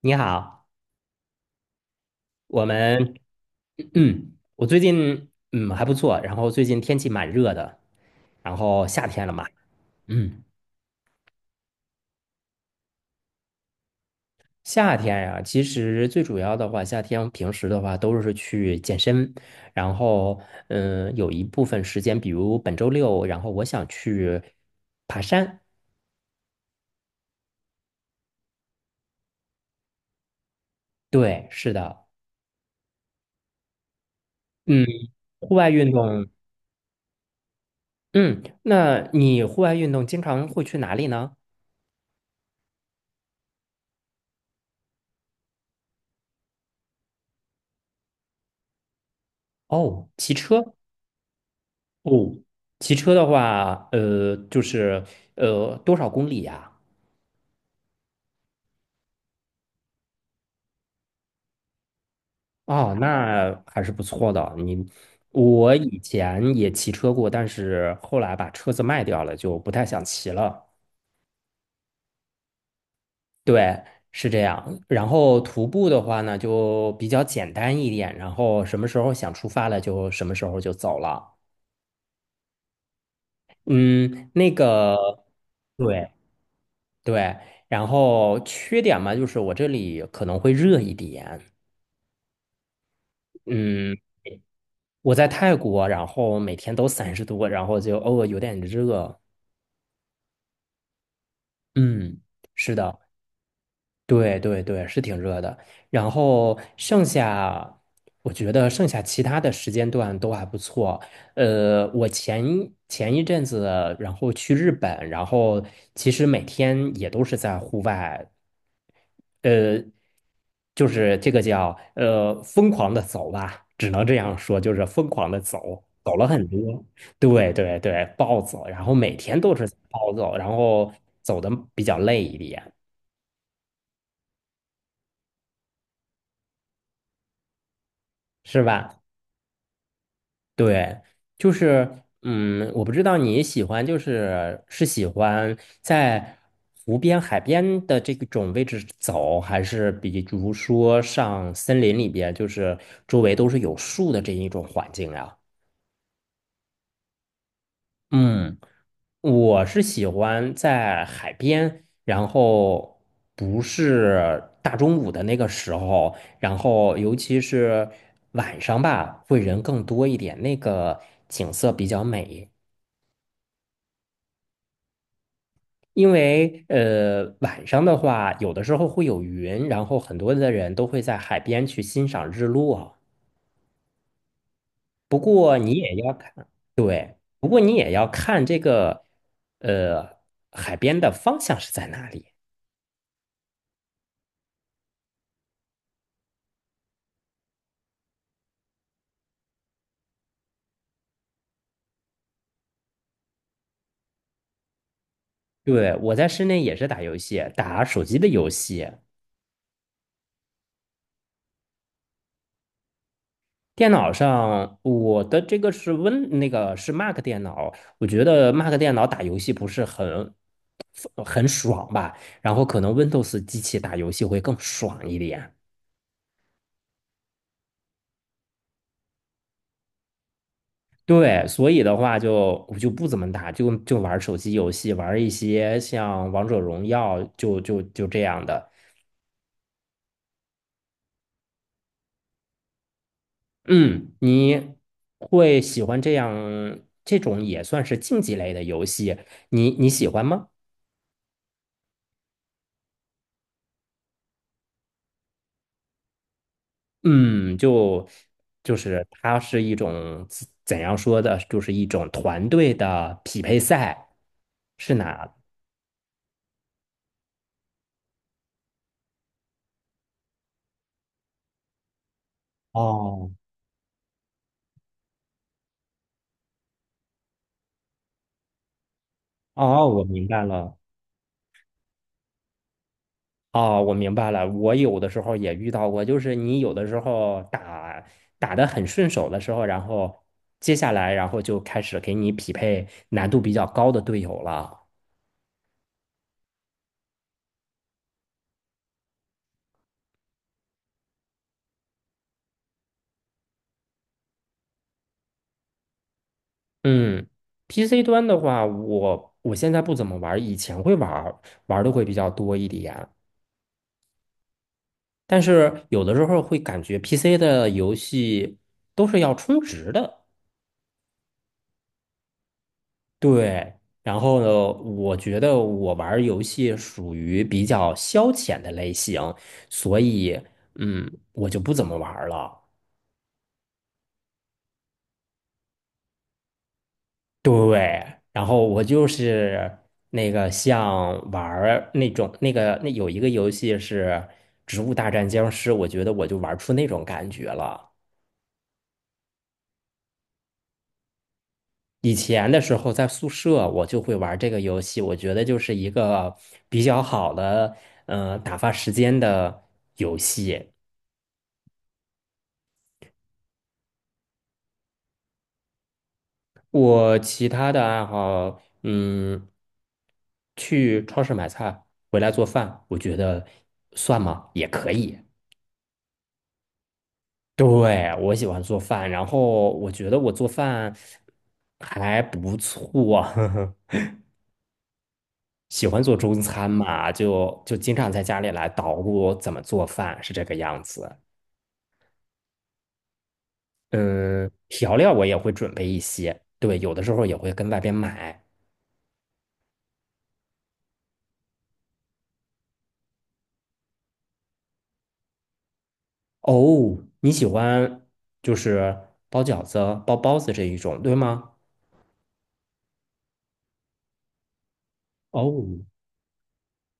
你好，我们我最近还不错，然后最近天气蛮热的，然后夏天了嘛。嗯，夏天呀，其实最主要的话，夏天平时的话都是去健身，然后有一部分时间，比如本周六，然后我想去爬山。对，是的。嗯，户外运动。嗯，那你户外运动经常会去哪里呢？哦，骑车。哦，骑车的话，就是多少公里呀？哦，那还是不错的。你，我以前也骑车过，但是后来把车子卖掉了，就不太想骑了。对，是这样。然后徒步的话呢，就比较简单一点，然后什么时候想出发了，就什么时候就走了。嗯，那个，对对。然后缺点嘛，就是我这里可能会热一点。嗯，我在泰国，然后每天都三十度，然后就偶尔有点热。嗯，是的。对对对，是挺热的。然后剩下，我觉得剩下其他的时间段都还不错。我前一阵子，然后去日本，然后其实每天也都是在户外，呃，就是这个叫疯狂的走吧，只能这样说，就是疯狂的走，走了很多。对对对，暴走，然后每天都是暴走，然后走的比较累一点，是吧？对，就是嗯，我不知道你喜欢就是喜欢在湖边、海边的这种位置走，还是比如说上森林里边，就是周围都是有树的这一种环境啊？嗯。我是喜欢在海边，然后不是大中午的那个时候，然后尤其是晚上吧，会人更多一点，那个景色比较美。因为晚上的话，有的时候会有云，然后很多的人都会在海边去欣赏日落。不过你也要看，对，不过你也要看这个呃海边的方向是在哪里。对，我在室内也是打游戏，打手机的游戏。电脑上，我的这个是 Win，那个是 Mac 电脑。我觉得 Mac 电脑打游戏不是很爽吧，然后可能 Windows 机器打游戏会更爽一点。对，所以的话就我就不怎么打，就玩手机游戏，玩一些像王者荣耀，就这样的。嗯，你会喜欢这样这种也算是竞技类的游戏，你喜欢吗？嗯，就是它是一种怎样说的，就是一种团队的匹配赛，是哪？哦哦，我明白了。哦，我明白了。我有的时候也遇到过，就是你有的时候打得很顺手的时候，然后接下来然后就开始给你匹配难度比较高的队友了。嗯，PC 端的话，我现在不怎么玩儿，以前会玩儿玩的会比较多一点。但是有的时候会感觉 PC 的游戏都是要充值的，对。然后呢，我觉得我玩儿游戏属于比较消遣的类型，所以嗯，我就不怎么玩儿了。对，然后我就是那个像玩儿那种那个那有一个游戏是《植物大战僵尸》，我觉得我就玩出那种感觉了。以前的时候在宿舍我就会玩这个游戏，我觉得就是一个比较好的打发时间的游戏。我其他的爱好，嗯，去超市买菜，回来做饭，我觉得算吗？也可以。对，我喜欢做饭，然后我觉得我做饭还不错，呵呵，喜欢做中餐嘛，就经常在家里来捣鼓怎么做饭，是这个样子。嗯，调料我也会准备一些，对，有的时候也会跟外边买。哦，你喜欢就是包饺子、包包子这一种，对吗？哦，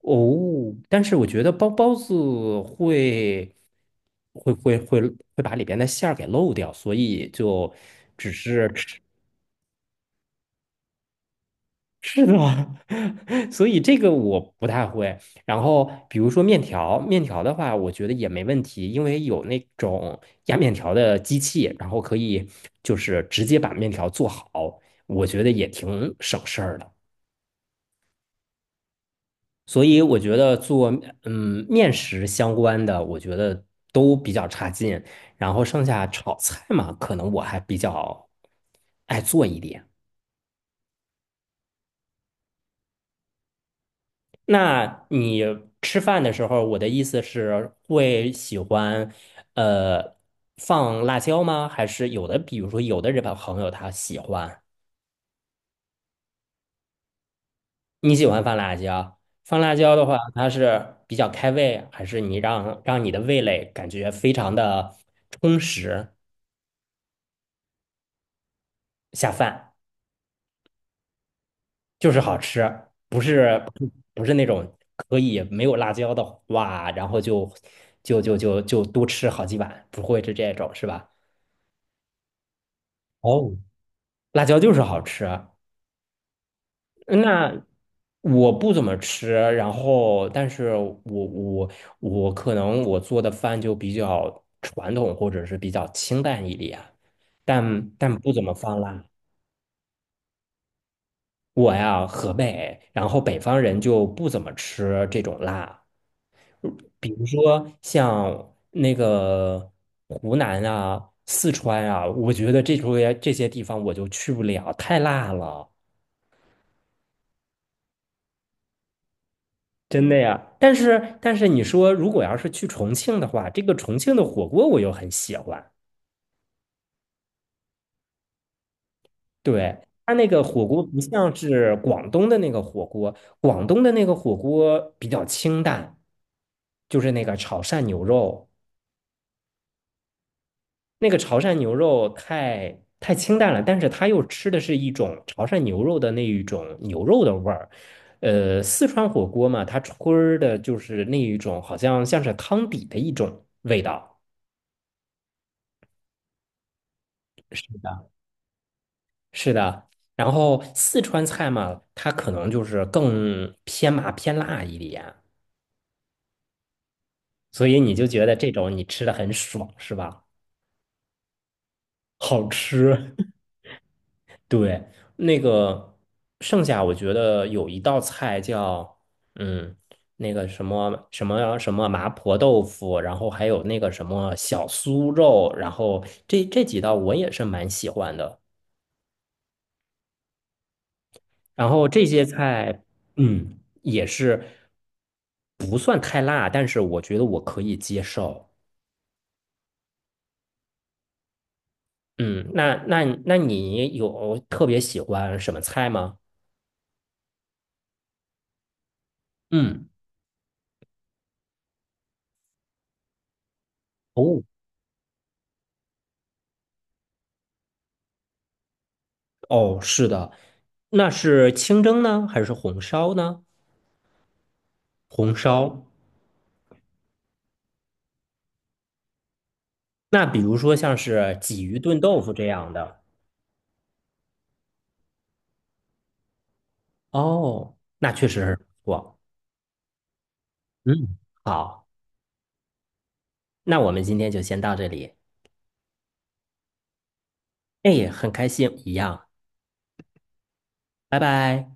哦，但是我觉得包包子会会会把里边的馅儿给漏掉，所以就只是吃 吃的，所以这个我不太会。然后比如说面条，面条的话，我觉得也没问题，因为有那种压面条的机器，然后可以就是直接把面条做好，我觉得也挺省事儿的。所以我觉得做面食相关的，我觉得都比较差劲。然后剩下炒菜嘛，可能我还比较爱做一点。那你吃饭的时候，我的意思是会喜欢呃放辣椒吗？还是有的，比如说有的日本朋友他喜欢，你喜欢放辣椒？放辣椒的话，它是比较开胃，还是让你的味蕾感觉非常的充实，下饭？就是好吃，不是那种可以没有辣椒的哇，然后就就多吃好几碗，不会是这种是吧？哦，辣椒就是好吃。那我不怎么吃，然后但是我可能我做的饭就比较传统，或者是比较清淡一点，但不怎么放辣。我呀，河北，然后北方人就不怎么吃这种辣。比如说像那个湖南啊、四川啊，我觉得这些地方我就去不了，太辣了，真的呀。但是你说如果要是去重庆的话，这个重庆的火锅我又很喜欢，对。它那个火锅不像是广东的那个火锅，广东的那个火锅比较清淡，就是那个炒汕牛肉。那个潮汕牛肉太清淡了，但是它又吃的是一种潮汕牛肉的那一种牛肉的味儿。呃，四川火锅嘛，它吹儿的就是那一种，好像像是汤底的一种味道。是的，然后四川菜嘛，它可能就是更偏麻偏辣一点，所以你就觉得这种你吃的很爽，是吧？好吃。对，那个剩下我觉得有一道菜叫嗯，那个什么麻婆豆腐，然后还有那个什么小酥肉，然后这几道我也是蛮喜欢的。然后这些菜，嗯，也是不算太辣，但是我觉得我可以接受。嗯，那你有特别喜欢什么菜吗？嗯。哦。哦，是的，那是清蒸呢，还是红烧呢？红烧。那比如说像是鲫鱼炖豆腐这样的，哦，那确实是不错。嗯，好，那我们今天就先到这里。哎，很开心，一样，拜拜。